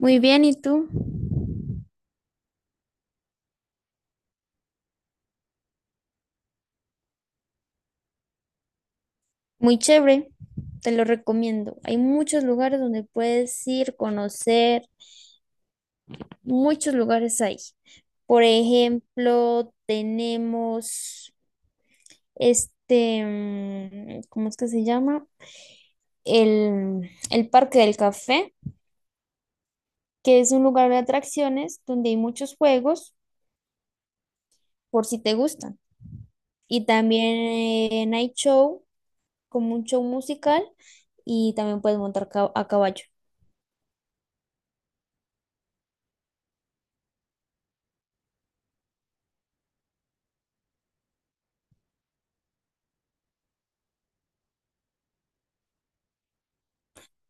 Muy bien, ¿y tú? Muy chévere, te lo recomiendo. Hay muchos lugares donde puedes ir, conocer, muchos lugares hay. Por ejemplo, tenemos ¿cómo es que se llama? El Parque del Café, que es un lugar de atracciones donde hay muchos juegos, por si te gustan. Y también Night Show, como un show musical, y también puedes montar a caballo.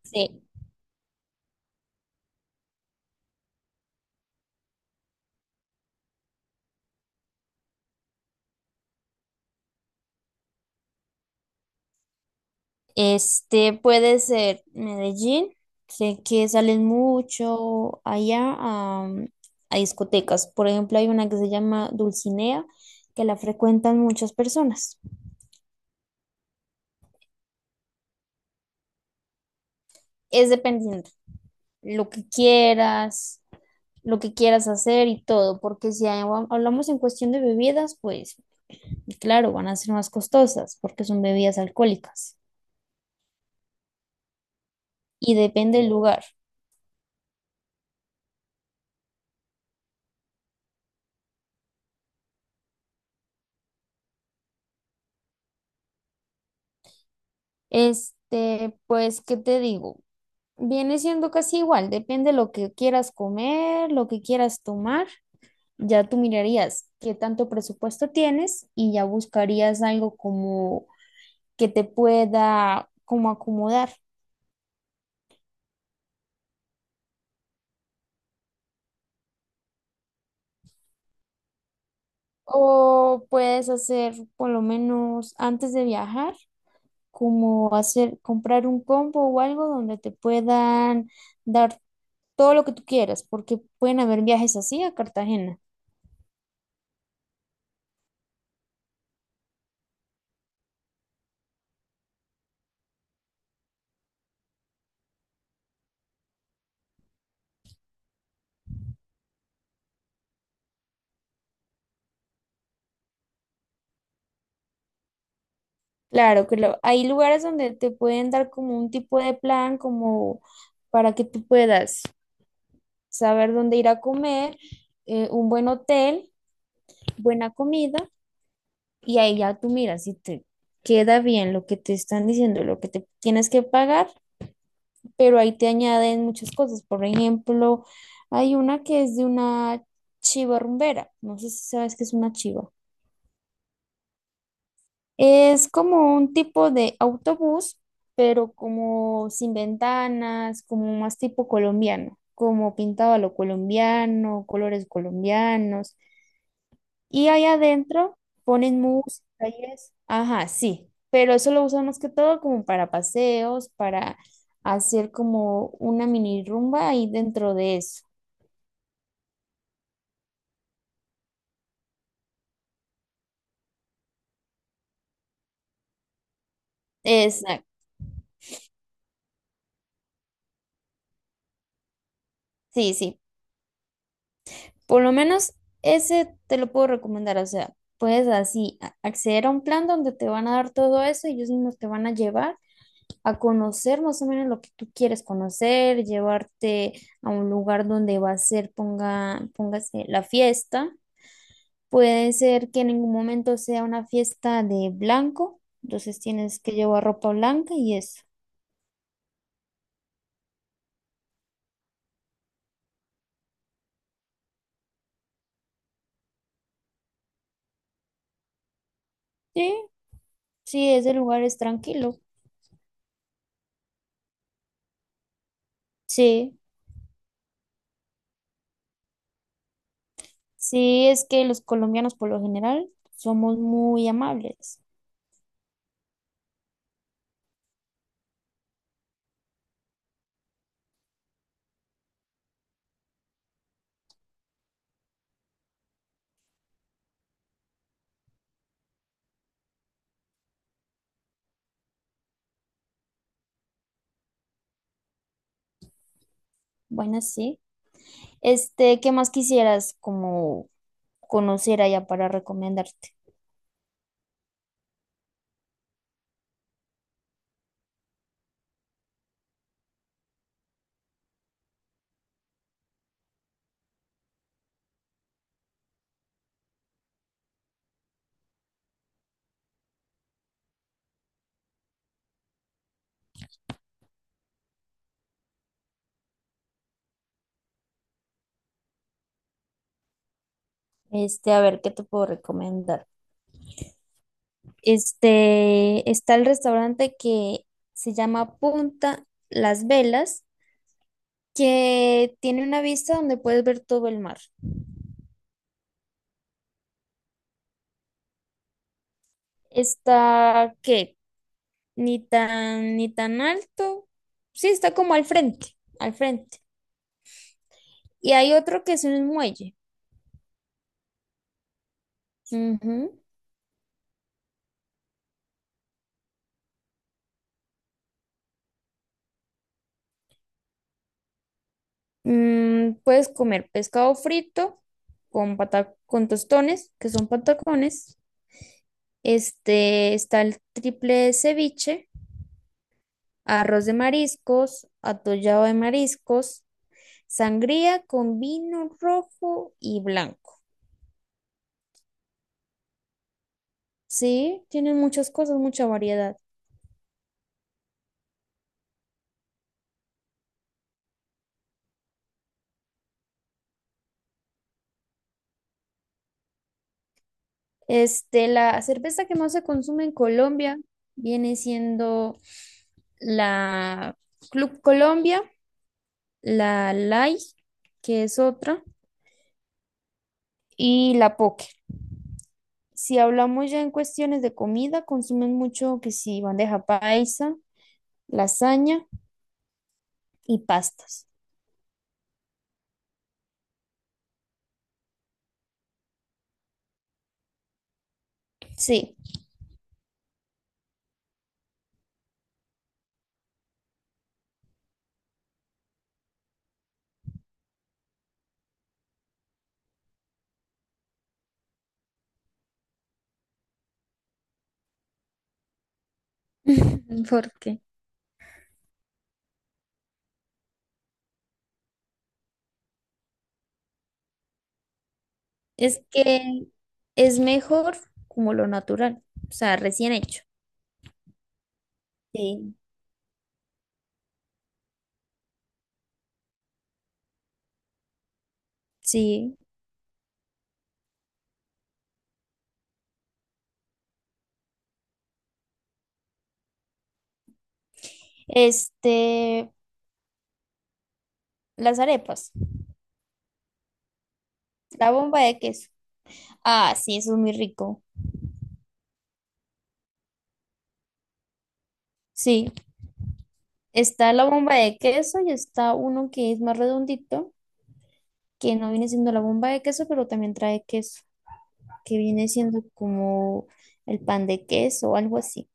Sí, este puede ser Medellín, sé que salen mucho allá a discotecas. Por ejemplo, hay una que se llama Dulcinea, que la frecuentan muchas personas. Es dependiendo lo que quieras, lo que quieras hacer y todo, porque si hay- hablamos en cuestión de bebidas, pues claro, van a ser más costosas porque son bebidas alcohólicas y depende del lugar. Este, pues, ¿qué te digo? Viene siendo casi igual, depende lo que quieras comer, lo que quieras tomar. Ya tú mirarías qué tanto presupuesto tienes y ya buscarías algo como que te pueda como acomodar. O puedes hacer por lo menos antes de viajar, como hacer comprar un combo o algo donde te puedan dar todo lo que tú quieras, porque pueden haber viajes así a Cartagena. Claro, claro. Hay lugares donde te pueden dar como un tipo de plan, como para que tú puedas saber dónde ir a comer, un buen hotel, buena comida, y ahí ya tú miras si te queda bien lo que te están diciendo, lo que te tienes que pagar, pero ahí te añaden muchas cosas. Por ejemplo, hay una que es de una chiva rumbera. No sé si sabes qué es una chiva. Es como un tipo de autobús, pero como sin ventanas, como más tipo colombiano, como pintado a lo colombiano, colores colombianos. Y ahí adentro ponen música y es, ajá, sí, pero eso lo usan más que todo como para paseos, para hacer como una mini rumba ahí dentro de eso. Exacto, sí, sí, por lo menos ese te lo puedo recomendar, o sea, puedes acceder a un plan donde te van a dar todo eso y ellos mismos te van a llevar a conocer más o menos lo que tú quieres conocer, llevarte a un lugar donde va a ser, ponga, póngase la fiesta. Puede ser que en ningún momento sea una fiesta de blanco, entonces tienes que llevar ropa blanca y eso. Sí, sí, ese lugar es tranquilo. Sí, sí, es que los colombianos por lo general somos muy amables. Bueno, sí. Este, ¿qué más quisieras como conocer allá para recomendarte? Este, a ver, ¿qué te puedo recomendar? Este, está el restaurante que se llama Punta Las Velas, que tiene una vista donde puedes ver todo el mar. Está, ¿qué? Ni tan, ni tan alto. Sí, está como al frente, al frente. Y hay otro que es un muelle. Ujú. Puedes comer pescado frito con tostones, que son patacones. Este, está el triple ceviche, arroz de mariscos, atollado de mariscos, sangría con vino rojo y blanco. Sí, tienen muchas cosas, mucha variedad. Este, la cerveza que más se consume en Colombia viene siendo la Club Colombia, la Light que es otra. Y la poke. Si hablamos ya en cuestiones de comida, consumen mucho que si bandeja paisa, lasaña y pastas. Sí, porque es que es mejor como lo natural, o sea, recién hecho. Sí, sí. Este, las arepas, la bomba de queso. Ah, sí, eso es muy rico. Sí, está la bomba de queso y está uno que es más redondito, que no viene siendo la bomba de queso, pero también trae queso. Que viene siendo como el pan de queso o algo así.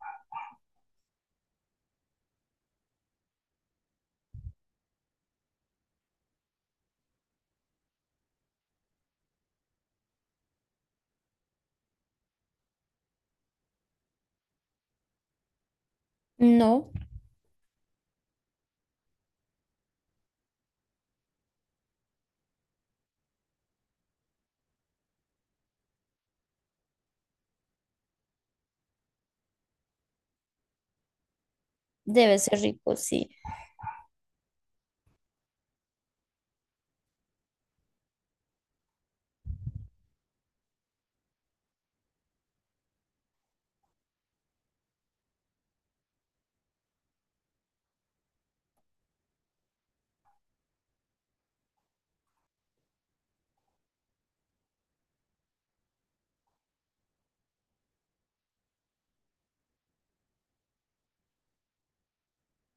No, debe ser rico, sí.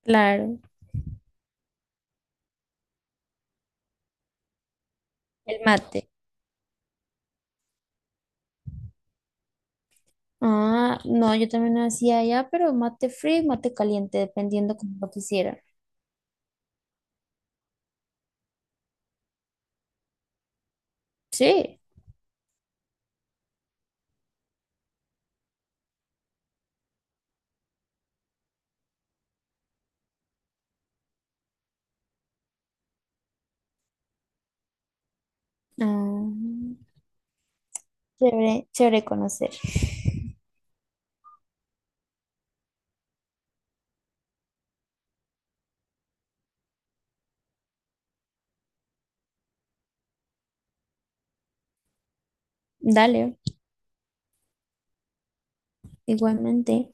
Claro, el mate. Ah, no, yo también lo hacía allá, pero mate frío, y mate caliente, dependiendo como lo quisiera. Sí. Ah, chévere, chévere conocer. Dale, igualmente.